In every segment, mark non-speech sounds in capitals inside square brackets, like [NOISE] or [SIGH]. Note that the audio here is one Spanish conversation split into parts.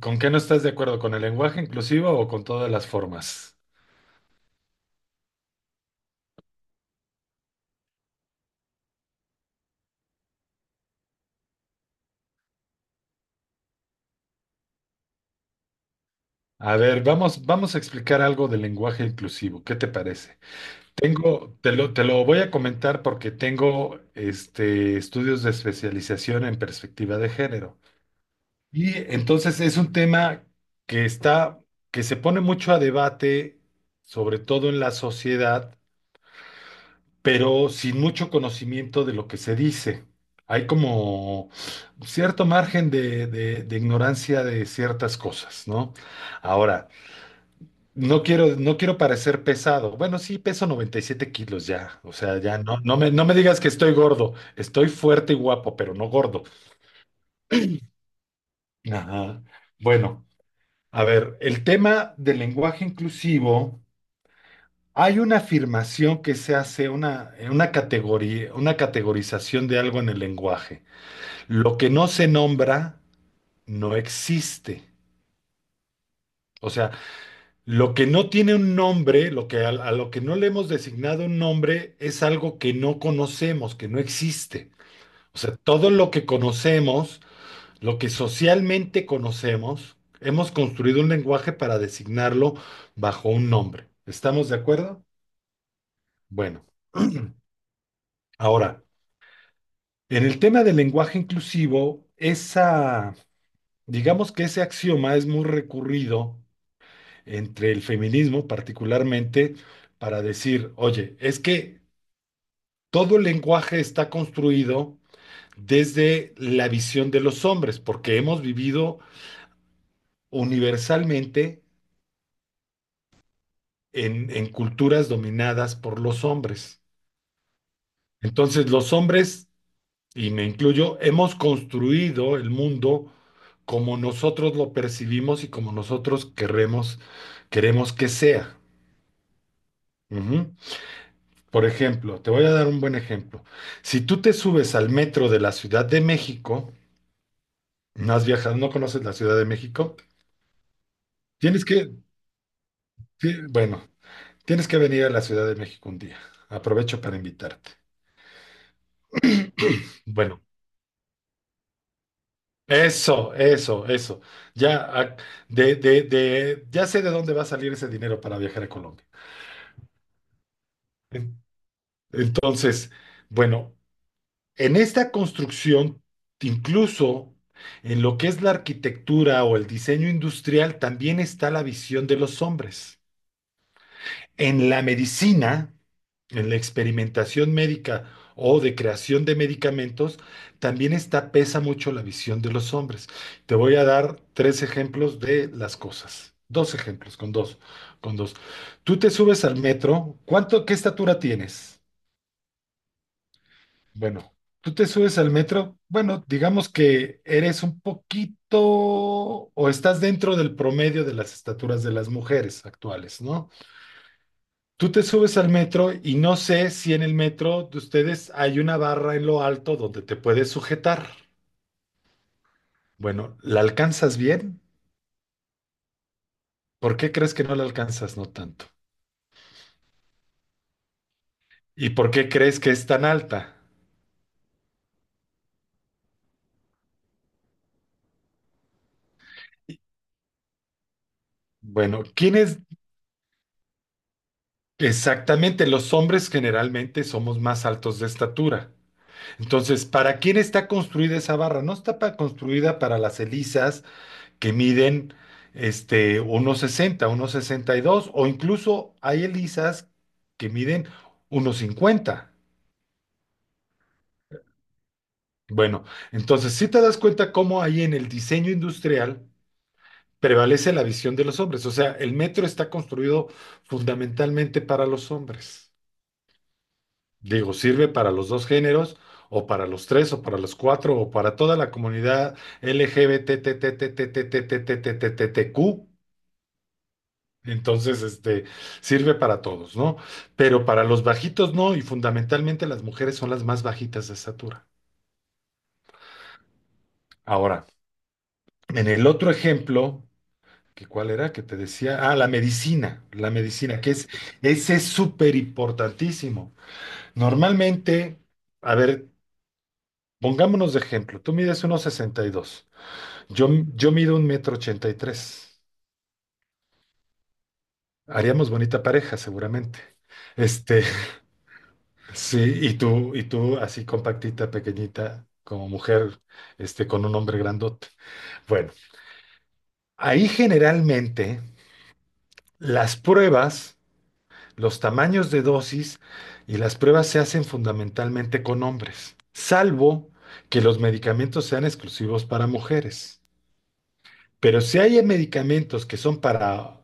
¿Con qué no estás de acuerdo? ¿Con el lenguaje inclusivo o con todas las formas? A ver, vamos a explicar algo del lenguaje inclusivo. ¿Qué te parece? Tengo, te lo voy a comentar porque tengo estudios de especialización en perspectiva de género. Y entonces es un tema que está, que se pone mucho a debate, sobre todo en la sociedad, pero sin mucho conocimiento de lo que se dice. Hay como cierto margen de ignorancia de ciertas cosas, ¿no? Ahora, no quiero parecer pesado. Bueno, sí, peso 97 kilos ya. O sea, ya no, no me digas que estoy gordo. Estoy fuerte y guapo, pero no gordo. Ajá. Bueno, a ver, el tema del lenguaje inclusivo, hay una afirmación que se hace, una categoría, una categorización de algo en el lenguaje. Lo que no se nombra no existe. O sea, lo que no tiene un nombre, lo que a lo que no le hemos designado un nombre, es algo que no conocemos, que no existe. O sea, todo lo que conocemos, lo que socialmente conocemos, hemos construido un lenguaje para designarlo bajo un nombre. ¿Estamos de acuerdo? Bueno, [CLEARS THROAT] ahora, en el tema del lenguaje inclusivo, digamos que ese axioma es muy recurrido entre el feminismo particularmente para decir, oye, es que todo el lenguaje está construido desde la visión de los hombres, porque hemos vivido universalmente en culturas dominadas por los hombres. Entonces los hombres, y me incluyo, hemos construido el mundo como nosotros lo percibimos y como nosotros queremos que sea. Ujú. Por ejemplo, te voy a dar un buen ejemplo. Si tú te subes al metro de la Ciudad de México, no has viajado, no conoces la Ciudad de México, tienes que, bueno, tienes que venir a la Ciudad de México un día. Aprovecho para invitarte. Bueno, eso. Ya, ah, ya sé de dónde va a salir ese dinero para viajar a Colombia. En- Entonces, bueno. En esta construcción, incluso en lo que es la arquitectura o el diseño industrial, también está la visión de los hombres. En la medicina, en la experimentación médica o de creación de medicamentos, también está, pesa mucho la visión de los hombres. Te voy a dar tres ejemplos de las cosas. Dos ejemplos, con dos. Tú te subes al metro, ¿cuánto, qué estatura tienes? Bueno, tú te subes al metro, bueno, digamos que eres un poquito o estás dentro del promedio de las estaturas de las mujeres actuales, ¿no? Tú te subes al metro y no sé si en el metro de ustedes hay una barra en lo alto donde te puedes sujetar. Bueno, ¿la alcanzas bien? ¿Por qué crees que no la alcanzas no tanto? ¿Y por qué crees que es tan alta? Bueno, ¿quiénes exactamente? Los hombres generalmente somos más altos de estatura. Entonces, ¿para quién está construida esa barra? No está construida para las elisas que miden 1,60, 1,62, o incluso hay elisas que miden 1,50. Bueno, entonces si te das cuenta cómo ahí en el diseño industrial prevalece la visión de los hombres. O sea, el metro está construido fundamentalmente para los hombres. Digo, sirve para los dos géneros, o para los tres, o para los cuatro, o para toda la comunidad lgbtttttttttttttq. Entonces, sirve para todos, ¿no? Pero para los bajitos no, y fundamentalmente las mujeres son las más bajitas de estatura. Ahora, en el otro ejemplo, que cuál era que te decía, ah, la medicina, que es, ese es súper importantísimo. Normalmente, a ver, pongámonos de ejemplo, tú mides unos sesenta y dos. Yo, yo mido 1,83 m. Haríamos bonita pareja, seguramente. Este, [LAUGHS] sí, y tú así compactita, pequeñita, como mujer, con un hombre grandote. Bueno, ahí generalmente las pruebas, los tamaños de dosis y las pruebas se hacen fundamentalmente con hombres, salvo que los medicamentos sean exclusivos para mujeres. Pero si hay medicamentos que son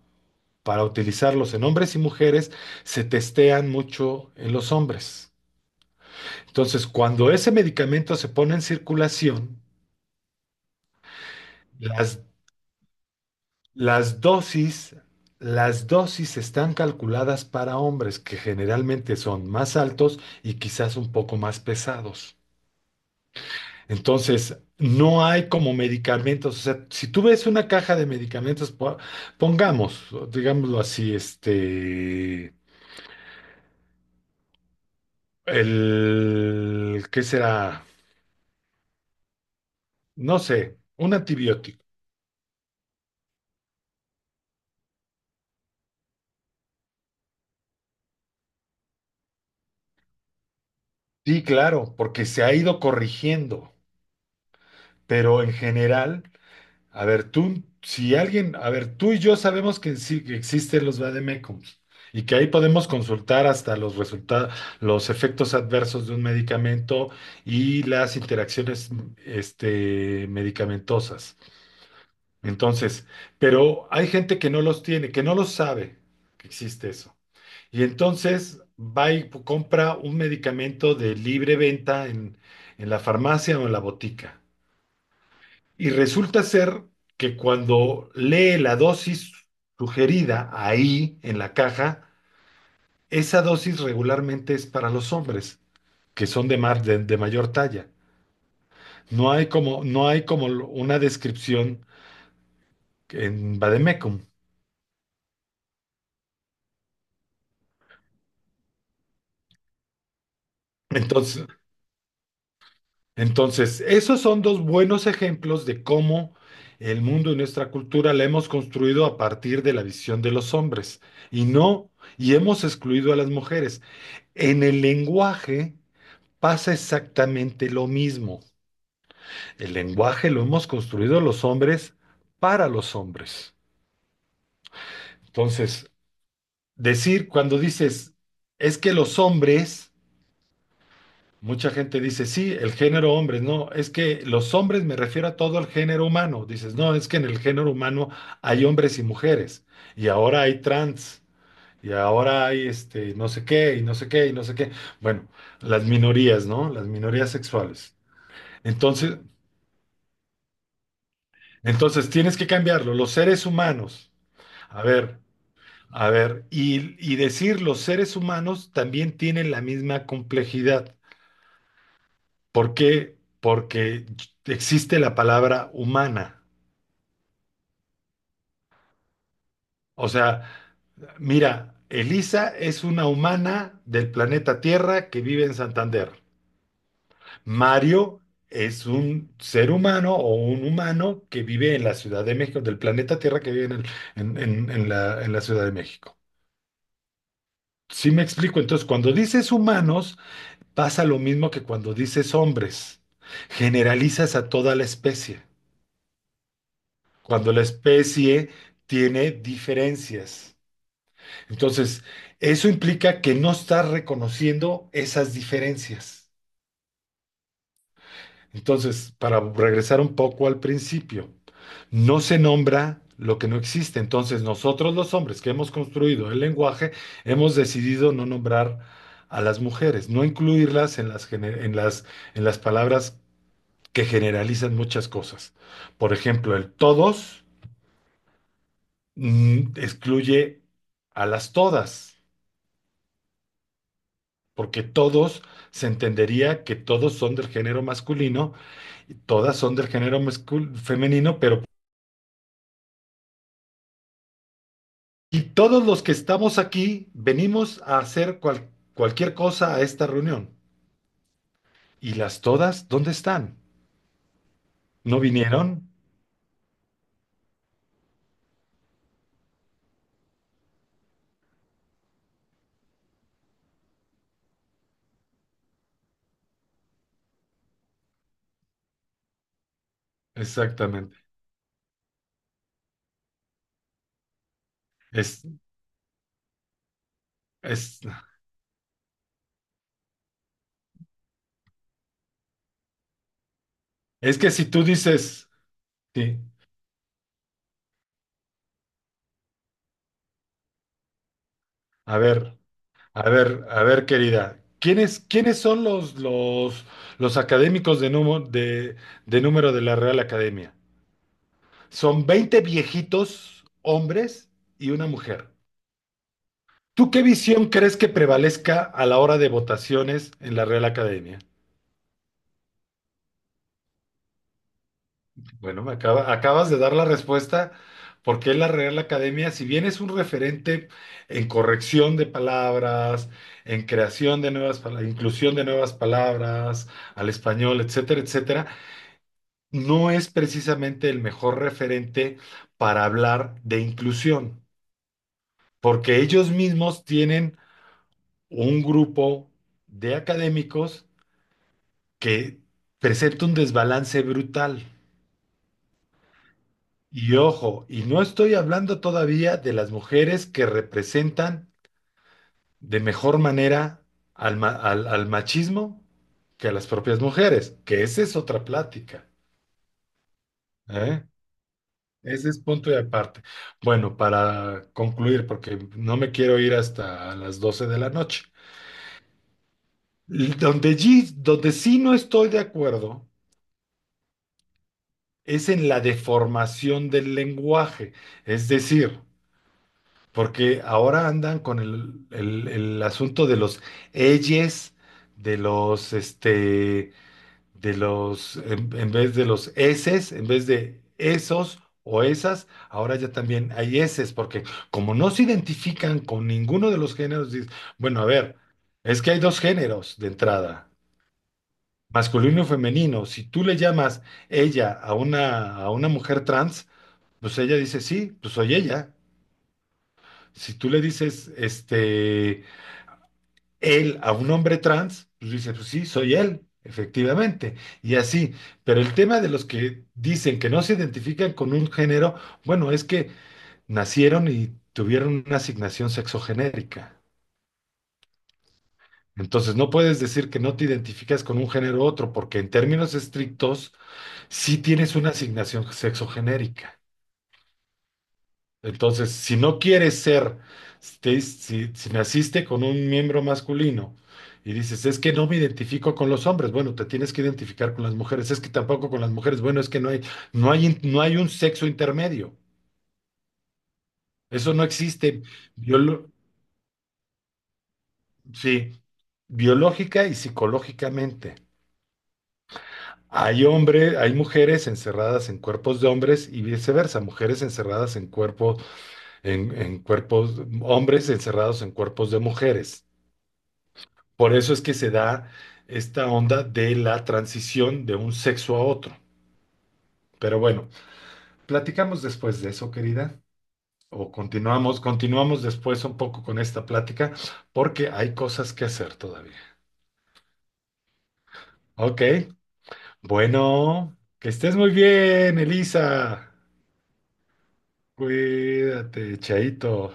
para utilizarlos en hombres y mujeres, se testean mucho en los hombres. Entonces, cuando ese medicamento se pone en circulación, las, las dosis, las dosis están calculadas para hombres, que generalmente son más altos y quizás un poco más pesados. Entonces, no hay como medicamentos. O sea, si tú ves una caja de medicamentos, pongamos, digámoslo así, ¿qué será? No sé, un antibiótico. Sí, claro, porque se ha ido corrigiendo, pero en general, a ver, tú, si alguien, a ver, tú y yo sabemos que sí que existen los vademécums y que ahí podemos consultar hasta los resultados, los efectos adversos de un medicamento y las interacciones, medicamentosas. Entonces, pero hay gente que no los tiene, que no los sabe que existe eso. Y entonces va y compra un medicamento de libre venta en la farmacia o en la botica. Y resulta ser que cuando lee la dosis sugerida ahí en la caja, esa dosis regularmente es para los hombres, que son de mayor talla. No hay como una descripción en Vademecum. Entonces, Entonces, esos son dos buenos ejemplos de cómo el mundo y nuestra cultura la hemos construido a partir de la visión de los hombres y no, y hemos excluido a las mujeres. En el lenguaje pasa exactamente lo mismo. El lenguaje lo hemos construido los hombres para los hombres. Entonces, decir cuando dices, es que los hombres. Mucha gente dice, sí, el género hombres, no, es que los hombres me refiero a todo el género humano. Dices, no, es que en el género humano hay hombres y mujeres, y ahora hay trans, y ahora hay no sé qué, y no sé qué, y no sé qué. Bueno, las minorías, ¿no? Las minorías sexuales. Entonces, entonces tienes que cambiarlo, los seres humanos. A ver, y decir los seres humanos también tienen la misma complejidad. ¿Por qué? Porque existe la palabra humana. O sea, mira, Elisa es una humana del planeta Tierra que vive en Santander. Mario es un ser humano o un humano que vive en la Ciudad de México, del planeta Tierra que vive en, en la Ciudad de México. Sí me explico. Entonces, cuando dices humanos, pasa lo mismo que cuando dices hombres. Generalizas a toda la especie. Cuando la especie tiene diferencias. Entonces, eso implica que no está reconociendo esas diferencias. Entonces, para regresar un poco al principio, no se nombra lo que no existe. Entonces, nosotros los hombres que hemos construido el lenguaje, hemos decidido no nombrar a las mujeres, no incluirlas en las, gene- en las palabras que generalizan muchas cosas. Por ejemplo, el todos, mm, excluye a las todas, porque todos se entendería que todos son del género masculino y todas son del género femenino, pero y todos los que estamos aquí venimos a hacer cualquier cosa a esta reunión. ¿Y las todas dónde están? ¿No vinieron? Exactamente. Es, es, es que si tú dices, sí, a ver. A ver, querida, ¿quiénes son los académicos de número de la Real Academia? Son 20 viejitos, hombres y una mujer. ¿Tú qué visión crees que prevalezca a la hora de votaciones en la Real Academia? Bueno, acabas de dar la respuesta porque la Real Academia, si bien es un referente en corrección de palabras, en creación de nuevas palabras, inclusión de nuevas palabras al español, etcétera, etcétera, no es precisamente el mejor referente para hablar de inclusión, porque ellos mismos tienen un grupo de académicos que presenta un desbalance brutal. Y ojo, y no estoy hablando todavía de las mujeres que representan de mejor manera al machismo que a las propias mujeres, que esa es otra plática. ¿Eh? Ese es punto y aparte. Bueno, para concluir, porque no me quiero ir hasta las 12 de la noche. Donde sí no estoy de acuerdo es en la deformación del lenguaje. Es decir, porque ahora andan con el asunto de los elles, de los este, de los, en vez de los eses, en vez de esos o esas, ahora ya también hay eses, porque como no se identifican con ninguno de los géneros, dices, bueno, a ver, es que hay dos géneros de entrada, masculino y femenino. Si tú le llamas ella a a una mujer trans, pues ella dice, sí, pues soy ella. Si tú le dices, él a un hombre trans, pues dice, pues sí, soy él, efectivamente, y así. Pero el tema de los que dicen que no se identifican con un género, bueno, es que nacieron y tuvieron una asignación sexogenérica. Entonces no puedes decir que no te identificas con un género u otro, porque en términos estrictos sí tienes una asignación sexogenérica. Entonces, si no quieres ser, si naciste con un miembro masculino y dices, es que no me identifico con los hombres, bueno, te tienes que identificar con las mujeres, es que tampoco con las mujeres, bueno, es que no hay un sexo intermedio, eso no existe. Biolo- sí, biológica y psicológicamente. Hay hombres, hay mujeres encerradas en cuerpos de hombres y viceversa, mujeres encerradas en en cuerpos, hombres encerrados en cuerpos de mujeres. Por eso es que se da esta onda de la transición de un sexo a otro. Pero bueno, platicamos después de eso, querida, o continuamos, continuamos después un poco con esta plática, porque hay cosas que hacer todavía. Ok, bueno, que estés muy bien, Elisa. Cuídate, Chaito.